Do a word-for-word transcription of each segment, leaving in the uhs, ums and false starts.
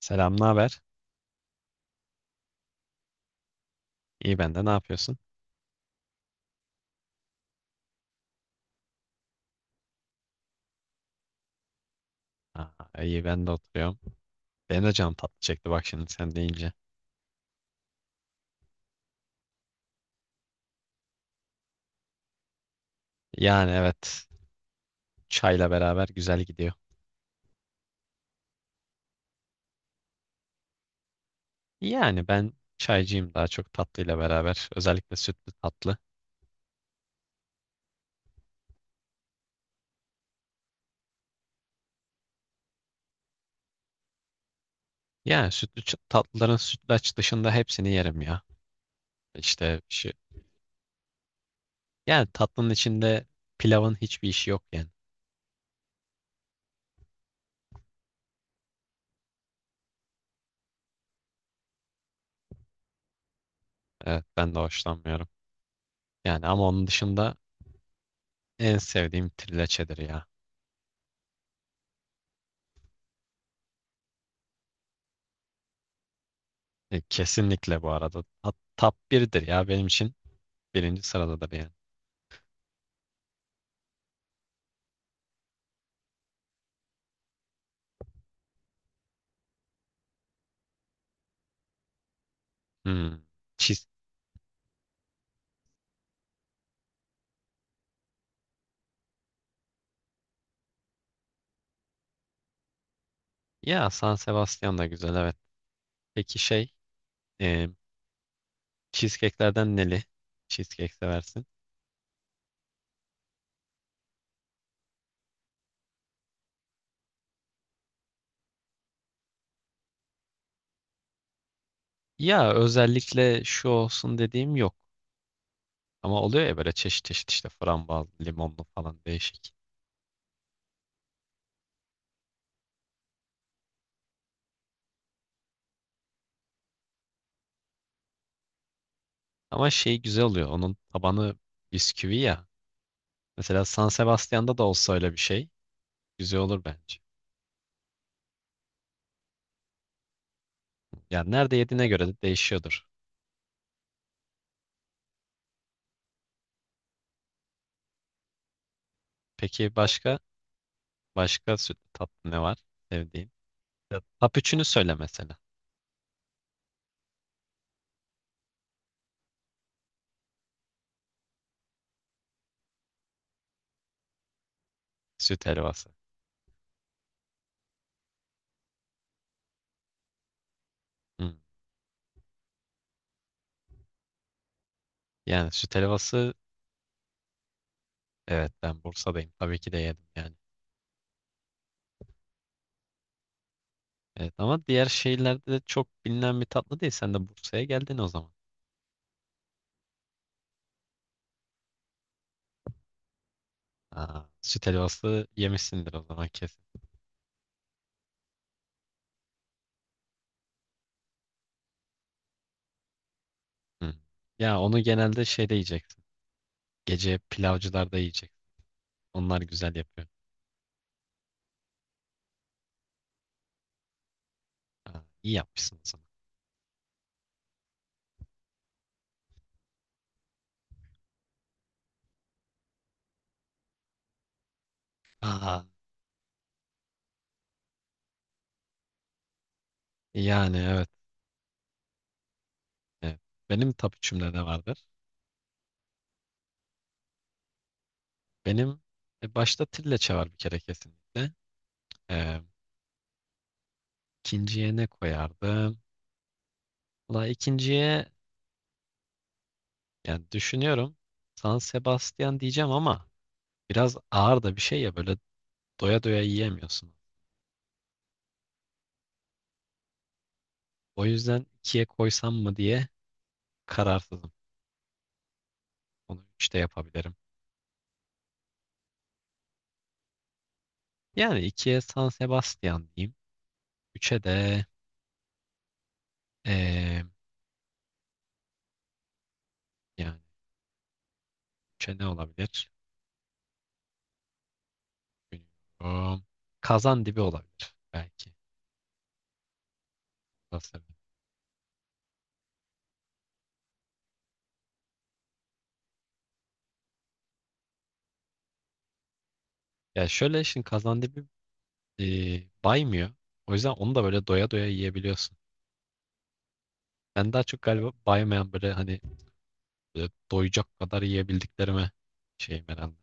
Selam, ne haber? İyi ben de, ne yapıyorsun? Aa, iyi ben de oturuyorum. Benim de canım tatlı çekti, bak şimdi sen deyince. Yani evet, çayla beraber güzel gidiyor. Yani ben çaycıyım daha çok tatlıyla beraber. Özellikle sütlü tatlı. Yani sütlü ç- tatlıların sütlaç dışında hepsini yerim ya. İşte şu, yani tatlının içinde pilavın hiçbir işi yok yani. Evet ben de hoşlanmıyorum. Yani ama onun dışında en sevdiğim trileçedir ya. E, Kesinlikle bu arada. Hat- Top birdir ya benim için. Birinci sırada da beğen. Hmm. Cheese. Ya San Sebastian da güzel, evet. Peki şey, e, cheesecake'lerden neli cheesecake seversin? Ya özellikle şu olsun dediğim yok. Ama oluyor ya, böyle çeşit çeşit işte frambuaz, limonlu falan, değişik. Ama şey güzel oluyor. Onun tabanı bisküvi ya. Mesela San Sebastian'da da olsa öyle bir şey güzel olur bence. Yani nerede yediğine göre de değişiyordur. Peki başka başka sütlü tatlı ne var sevdiğin? Ya, top üçünü söyle mesela. Süt helvası. Hmm. Yani süt helvası, evet, ben Bursa'dayım. Tabii ki de yedim yani. Evet ama diğer şehirlerde de çok bilinen bir tatlı değil. Sen de Bursa'ya geldin o zaman. Aa, süt helvası yemişsindir o zaman kesin. Hmm. Ya onu genelde şeyde yiyeceksin. Gece pilavcılarda yiyeceksin. Onlar güzel yapıyor. Aa, iyi yapmışsın o zaman. Aa, yani evet. Evet. Benim tapuçumda ne vardır? Benim, e, başta trileçe var bir kere kesinlikle. Ee, ikinciye ne koyardım? Valla ikinciye, yani düşünüyorum, San Sebastian diyeceğim ama biraz ağır da bir şey ya, böyle doya doya yiyemiyorsun. O yüzden ikiye koysam mı diye kararsızım. Onu üçte yapabilirim. Yani ikiye San Sebastian diyeyim. Üçe de eee, yani üçe ne olabilir? Bilmiyorum. Kazandibi olabilir belki. Basarım. Ya şöyle şimdi Kazandibi eee baymıyor. O yüzden onu da böyle doya doya yiyebiliyorsun. Ben daha çok galiba baymayan, böyle hani, böyle doyacak kadar yiyebildiklerime şeyim herhalde.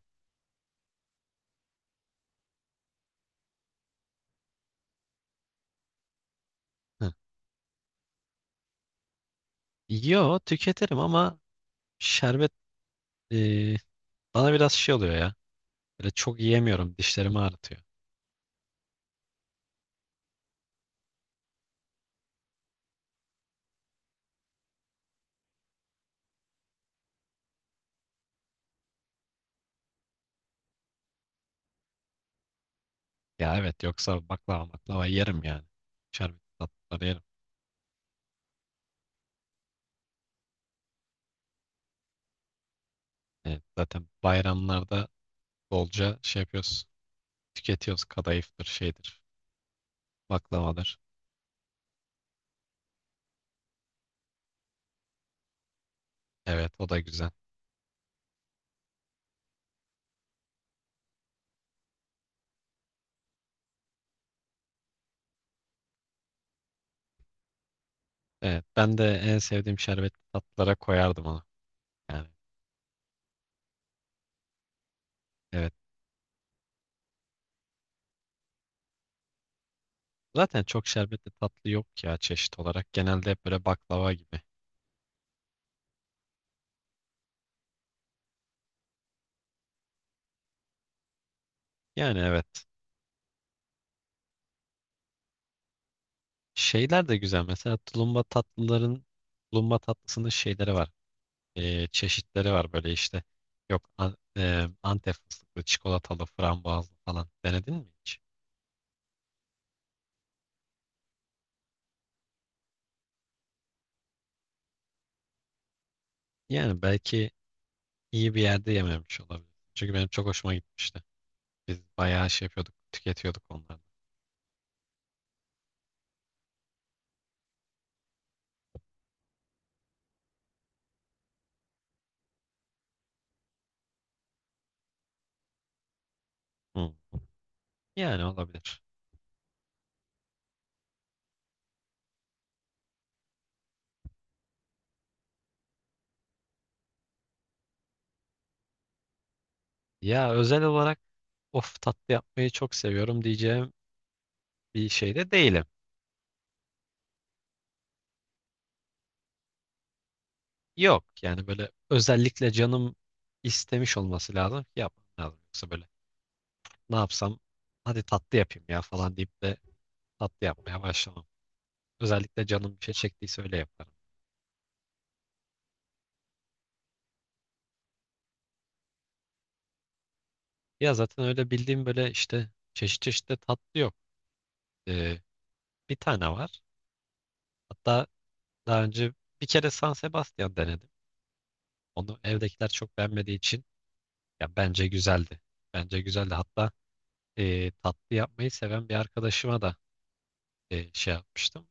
Hı. Yo, tüketirim ama şerbet, e, bana biraz şey oluyor ya. Böyle çok yiyemiyorum. Dişlerimi ağrıtıyor. Ya evet, yoksa baklava baklava yerim yani. Şerbet tatlıları yerim. Evet, zaten bayramlarda bolca şey yapıyoruz. Tüketiyoruz. Kadayıftır şeydir. Baklavadır. Evet o da güzel. Evet, ben de en sevdiğim şerbetli tatlılara koyardım onu. Yani evet. Zaten çok şerbetli tatlı yok ya çeşit olarak. Genelde hep böyle baklava gibi. Yani evet. Şeyler de güzel. Mesela tulumba tatlıların, tulumba tatlısının şeyleri var. Ee, çeşitleri var böyle işte. Yok an, e, Antep fıstıklı, çikolatalı, frambuazlı falan. Denedin mi hiç? Yani belki iyi bir yerde yememiş olabilir. Çünkü benim çok hoşuma gitmişti. Biz bayağı şey yapıyorduk, tüketiyorduk onları. Hı. Yani olabilir. Ya özel olarak of tatlı yapmayı çok seviyorum diyeceğim bir şey de değilim. Yok yani, böyle özellikle canım istemiş olması lazım ki yapmam lazım. Yoksa böyle ne yapsam, hadi tatlı yapayım ya falan deyip de tatlı yapmaya başlamam. Özellikle canım bir şey çektiyse öyle yaparım. Ya zaten öyle bildiğim böyle işte çeşit çeşit de tatlı yok. Ee, bir tane var. Hatta daha önce bir kere San Sebastian denedim. Onu evdekiler çok beğenmediği için, ya bence güzeldi. Bence güzeldi. Hatta e, tatlı yapmayı seven bir arkadaşıma da e, şey yapmıştım.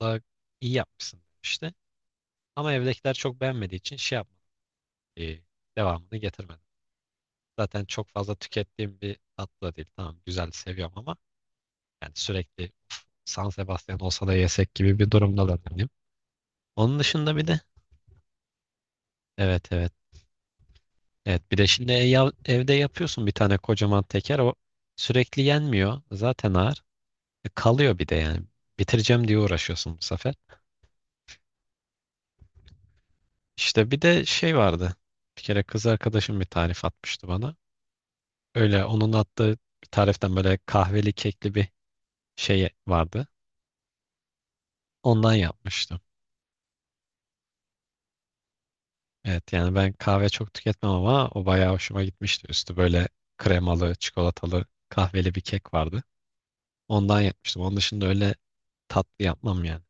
O da iyi yapmışsın demişti. Ama evdekiler çok beğenmediği için şey yapmadım. E, devamını getirmedim. Zaten çok fazla tükettiğim bir tatlı da değil. Tamam güzel seviyorum ama yani sürekli "Of, San Sebastian olsa da yesek" gibi bir durumda da değilim. Onun dışında bir de, evet evet. Evet bir de şimdi ev- evde yapıyorsun bir tane kocaman teker, o sürekli yenmiyor. Zaten ağır. E, kalıyor bir de yani. Bitireceğim diye uğraşıyorsun bu sefer. İşte bir de şey vardı. Bir kere kız arkadaşım bir tarif atmıştı bana. Öyle onun attığı bir tariften böyle kahveli kekli bir şey vardı. Ondan yapmıştım. Evet yani ben kahve çok tüketmem ama o bayağı hoşuma gitmişti. Üstü böyle kremalı, çikolatalı, kahveli bir kek vardı. Ondan yapmıştım. Onun dışında öyle tatlı yapmam yani.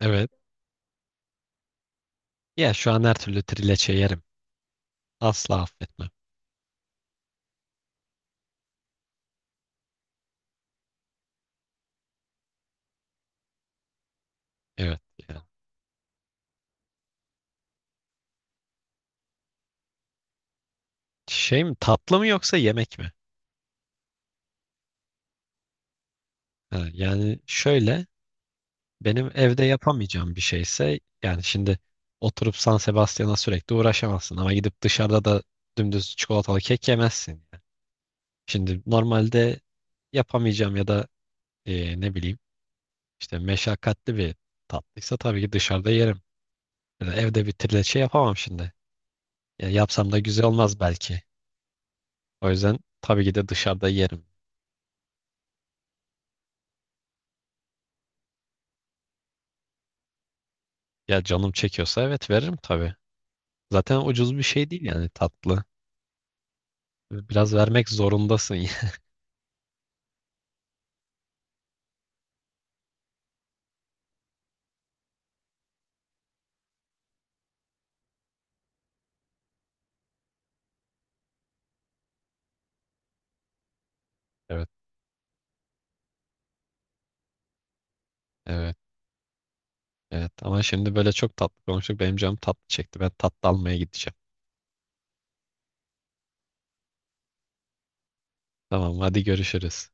Evet. Ya şu an her türlü trileçe yerim. Asla affetmem. Evet. Yani. Şey mi, tatlı mı yoksa yemek mi? Ha, yani şöyle, benim evde yapamayacağım bir şeyse, yani şimdi oturup San Sebastian'a sürekli uğraşamazsın ama gidip dışarıda da dümdüz çikolatalı kek yemezsin. Yani. Şimdi normalde yapamayacağım ya da e, ne bileyim işte meşakkatli bir tatlıysa tabii ki dışarıda yerim. Yani evde bir trileçe yapamam şimdi. Ya yapsam da güzel olmaz belki. O yüzden tabii ki de dışarıda yerim. Ya canım çekiyorsa evet, veririm tabii. Zaten ucuz bir şey değil yani tatlı. Biraz vermek zorundasın. Evet, evet. Evet ama şimdi böyle çok tatlı konuştuk. Benim canım tatlı çekti. Ben tatlı almaya gideceğim. Tamam hadi görüşürüz.